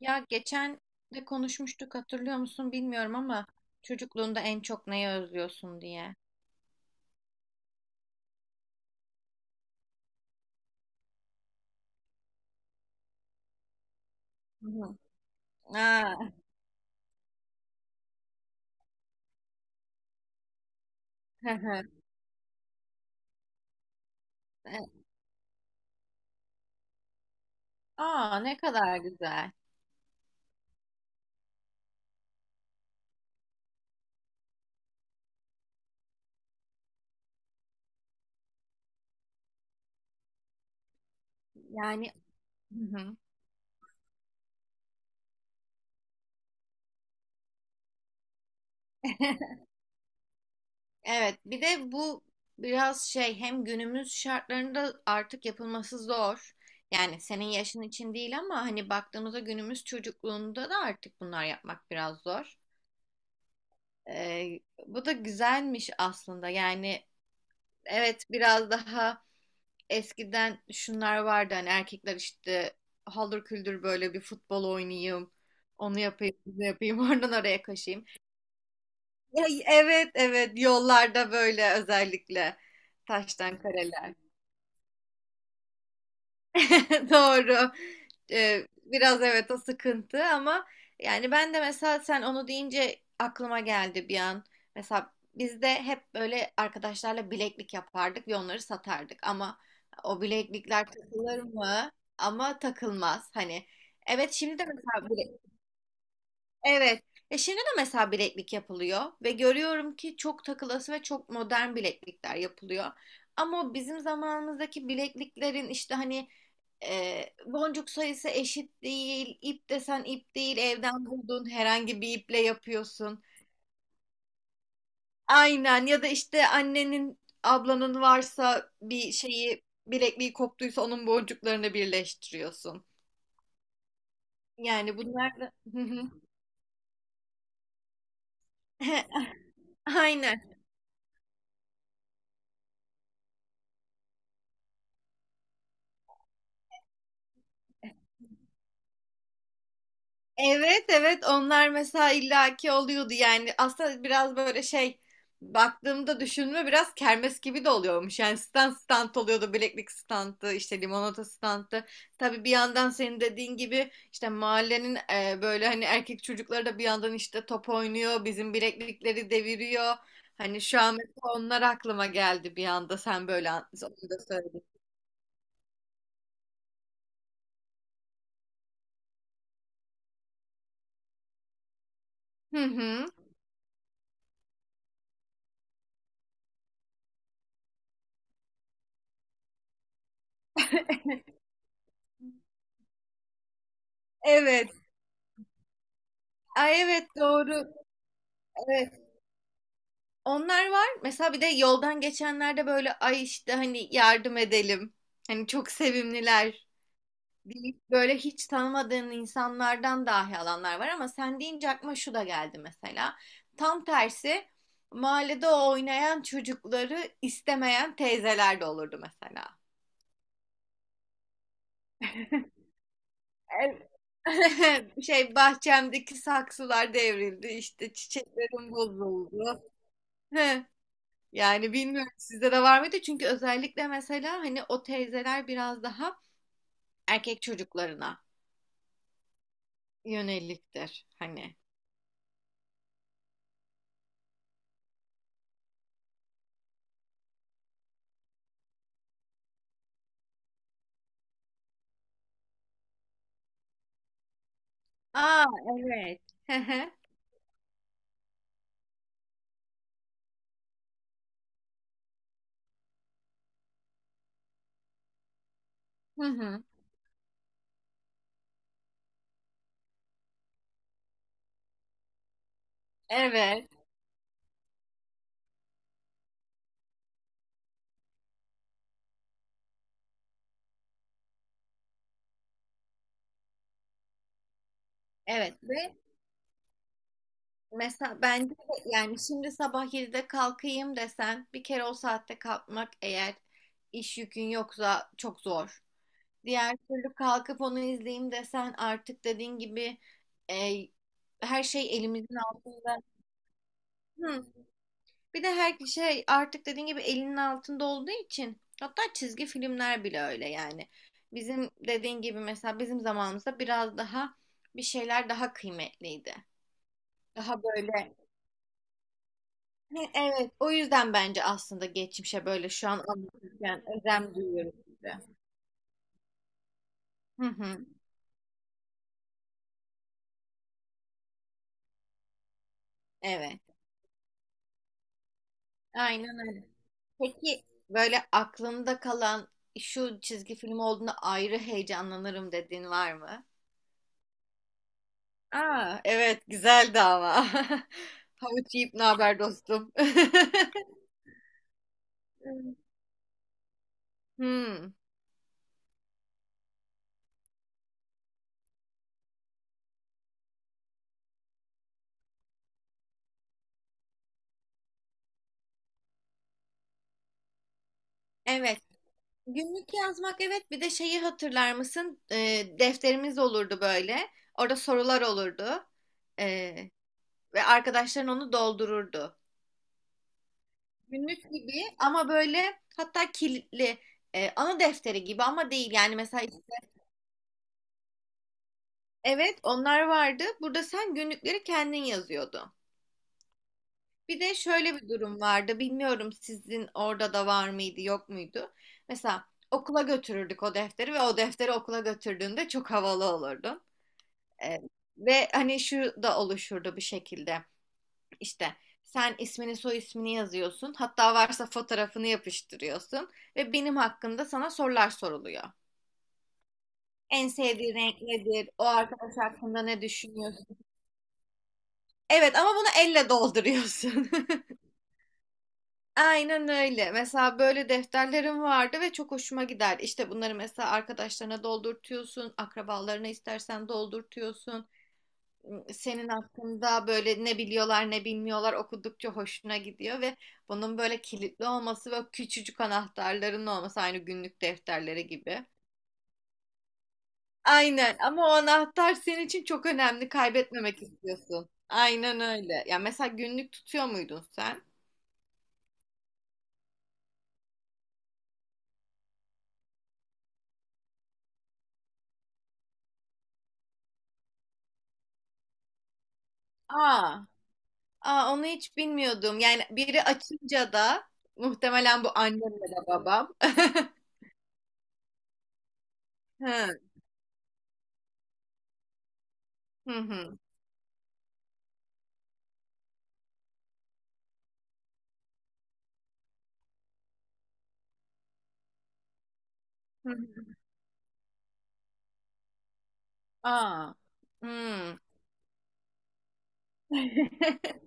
Ya geçen de konuşmuştuk hatırlıyor musun bilmiyorum ama çocukluğunda en çok neyi özlüyorsun diye. Hı hı. Aa. Aa, ne kadar güzel. Yani. Hı hı. Evet, bir de bu biraz hem günümüz şartlarında artık yapılması zor. Yani senin yaşın için değil ama hani baktığımızda günümüz çocukluğunda da artık bunlar yapmak biraz zor. Ee, Bu da güzelmiş aslında. Yani evet, biraz daha. Eskiden şunlar vardı, hani erkekler işte haldır küldür böyle bir futbol oynayayım. Onu yapayım, bunu yapayım, oradan oraya koşayım. Ya, evet evet, yollarda böyle özellikle taştan kareler. Doğru. Biraz evet, o sıkıntı ama yani ben de mesela sen onu deyince aklıma geldi bir an. Mesela biz de hep böyle arkadaşlarla bileklik yapardık ve onları satardık. Ama o bileklikler takılır mı? Ama takılmaz. Hani evet, şimdi de mesela. Evet. E, şimdi de mesela bileklik yapılıyor ve görüyorum ki çok takılası ve çok modern bileklikler yapılıyor. Ama bizim zamanımızdaki bilekliklerin işte hani boncuk sayısı eşit değil, ip desen ip değil, evden bulduğun herhangi bir iple yapıyorsun. Aynen, ya da işte annenin, ablanın varsa bir şeyi bilekliği koptuysa onun boncuklarını birleştiriyorsun. Yani bunlar da... Aynen. Evet evet, onlar mesela illaki oluyordu yani. Aslında biraz böyle baktığımda düşünme biraz kermes gibi de oluyormuş yani, stand stand oluyordu, bileklik standı işte, limonata standı. Tabii bir yandan senin dediğin gibi işte mahallenin böyle hani erkek çocukları da bir yandan işte top oynuyor, bizim bileklikleri deviriyor. Hani şu an mesela onlar aklıma geldi bir anda sen böyle onu da söyledin. Hı hı. Evet. Ay evet, doğru. Evet. Onlar var. Mesela bir de yoldan geçenlerde böyle ay işte hani yardım edelim. Hani çok sevimliler, deyip böyle hiç tanımadığın insanlardan dahi alanlar var ama sen deyince aklıma şu da geldi mesela. Tam tersi, mahallede oynayan çocukları istemeyen teyzeler de olurdu mesela. Evet. Şey, bahçemdeki saksılar devrildi işte, çiçeklerim bozuldu. Yani bilmiyorum, sizde de var mıydı? Çünkü özellikle mesela hani o teyzeler biraz daha erkek çocuklarına yöneliktir hani. Aa evet. Hı hı. Hı hı. Evet. Evet. Ve mesela bence de yani şimdi sabah 7'de kalkayım desen bir kere o saatte kalkmak, eğer iş yükün yoksa, çok zor. Diğer türlü kalkıp onu izleyeyim desen artık dediğin gibi, e, her şey elimizin altında. Hı. Bir de her şey artık dediğin gibi elinin altında olduğu için, hatta çizgi filmler bile öyle yani. Bizim dediğin gibi mesela bizim zamanımızda biraz daha bir şeyler daha kıymetliydi. Daha böyle. He, evet, o yüzden bence aslında geçmişe böyle şu an anlatırken özlem duyuyoruz gibi. Hı hı, evet, aynen öyle. Peki böyle aklında kalan şu çizgi film olduğunda ayrı heyecanlanırım dediğin var mı? Aa, evet, güzeldi ama. Havuç yiyip ne haber dostum? Hmm, evet. Günlük yazmak, evet, bir de şeyi hatırlar mısın? Defterimiz olurdu böyle. Orada sorular olurdu. Ee, Ve arkadaşların onu doldururdu. Günlük gibi ama böyle, hatta kilitli. Anı defteri gibi ama değil. Yani mesela işte, evet, onlar vardı. Burada sen günlükleri kendin yazıyordun. Bir de şöyle bir durum vardı. Bilmiyorum sizin orada da var mıydı, yok muydu? Mesela okula götürürdük o defteri ve o defteri okula götürdüğünde çok havalı olurdun. Ee, Ve hani şu da oluşurdu bir şekilde. İşte sen ismini, soy ismini yazıyorsun. Hatta varsa fotoğrafını yapıştırıyorsun ve benim hakkında sana sorular soruluyor. En sevdiği renk nedir? O arkadaş hakkında ne düşünüyorsun? Evet, ama bunu elle dolduruyorsun. Aynen öyle. Mesela böyle defterlerim vardı ve çok hoşuma gider. İşte bunları mesela arkadaşlarına doldurtuyorsun, akrabalarına istersen doldurtuyorsun. Senin hakkında böyle ne biliyorlar ne bilmiyorlar okudukça hoşuna gidiyor ve bunun böyle kilitli olması ve küçücük anahtarların olması aynı günlük defterleri gibi. Aynen, ama o anahtar senin için çok önemli, kaybetmemek istiyorsun. Aynen öyle. Ya mesela günlük tutuyor muydun sen? Aa. Aa, onu hiç bilmiyordum. Yani biri açınca da muhtemelen bu annemle de babam. Hı hı hı. hı. Aa. Hmm.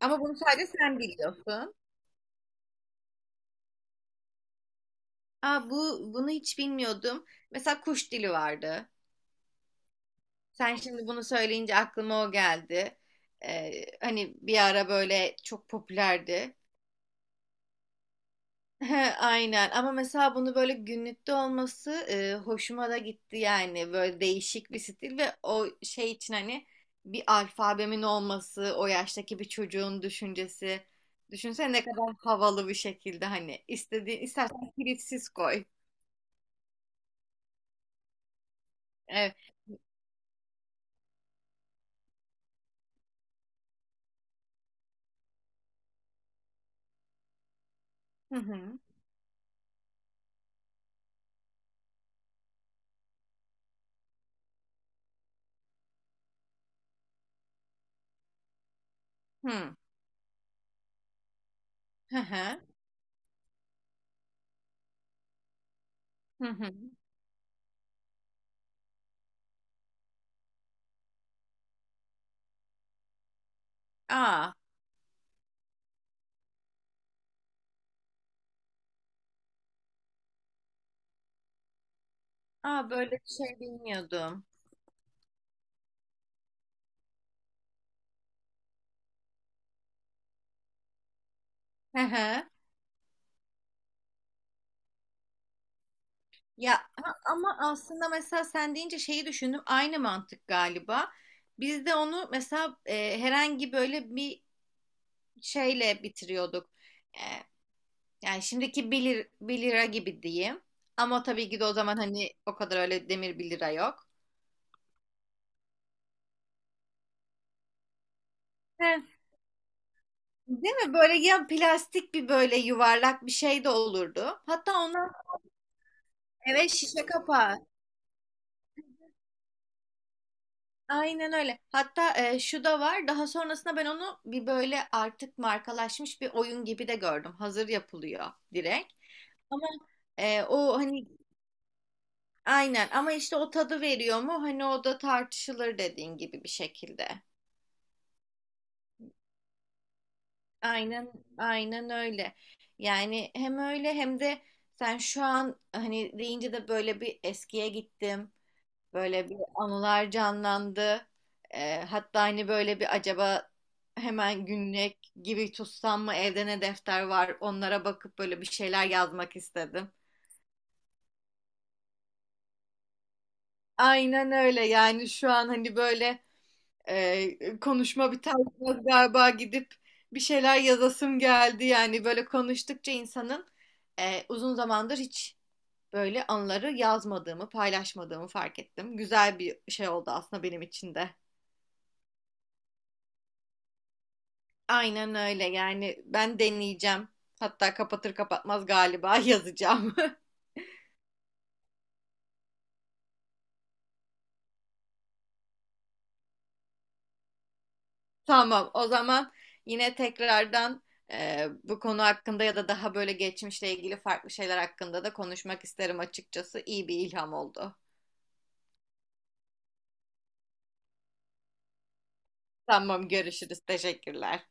Ama bunu sadece sen biliyorsun. Aa, bu bunu hiç bilmiyordum. Mesela kuş dili vardı. Sen şimdi bunu söyleyince aklıma o geldi. Ee, Hani bir ara böyle çok popülerdi. He, aynen, ama mesela bunu böyle günlükte olması hoşuma da gitti yani, böyle değişik bir stil. Ve o şey için hani bir alfabemin olması, o yaştaki bir çocuğun düşüncesi, düşünsene ne kadar havalı bir şekilde, hani istediğin, istersen kilitsiz koy. Evet. Hı hı. Hı hı. Hı hı. Hı hı. Aa, aa, böyle bir şey bilmiyordum. Hı hı. Ya ama aslında mesela sen deyince şeyi düşündüm. Aynı mantık galiba. Biz de onu mesela herhangi böyle bir şeyle bitiriyorduk. E, Yani şimdiki bir lira gibi diyeyim. Ama tabii ki de o zaman hani o kadar öyle demir 1 lira yok. He, değil mi? Böyle ya plastik bir böyle yuvarlak bir şey de olurdu. Hatta ondan evet, şişe kapağı. Aynen öyle. Hatta şu da var. Daha sonrasında ben onu bir böyle artık markalaşmış bir oyun gibi de gördüm. Hazır yapılıyor direkt. Ama o hani aynen, ama işte o tadı veriyor mu? Hani o da tartışılır dediğin gibi bir şekilde. Aynen, aynen öyle. Yani hem öyle hem de sen şu an hani deyince de böyle bir eskiye gittim. Böyle bir anılar canlandı. Hatta hani böyle bir acaba hemen günlük gibi tutsam mı, evde ne defter var onlara bakıp böyle bir şeyler yazmak istedim. Aynen öyle, yani şu an hani böyle, konuşma bitermez galiba, gidip bir şeyler yazasım geldi. Yani böyle konuştukça insanın, uzun zamandır hiç böyle anıları yazmadığımı, paylaşmadığımı fark ettim. Güzel bir şey oldu aslında benim için de. Aynen öyle, yani ben deneyeceğim. Hatta kapatır kapatmaz galiba yazacağım. Tamam, o zaman yine tekrardan, bu konu hakkında ya da daha böyle geçmişle ilgili farklı şeyler hakkında da konuşmak isterim açıkçası. İyi bir ilham oldu. Tamam, görüşürüz. Teşekkürler.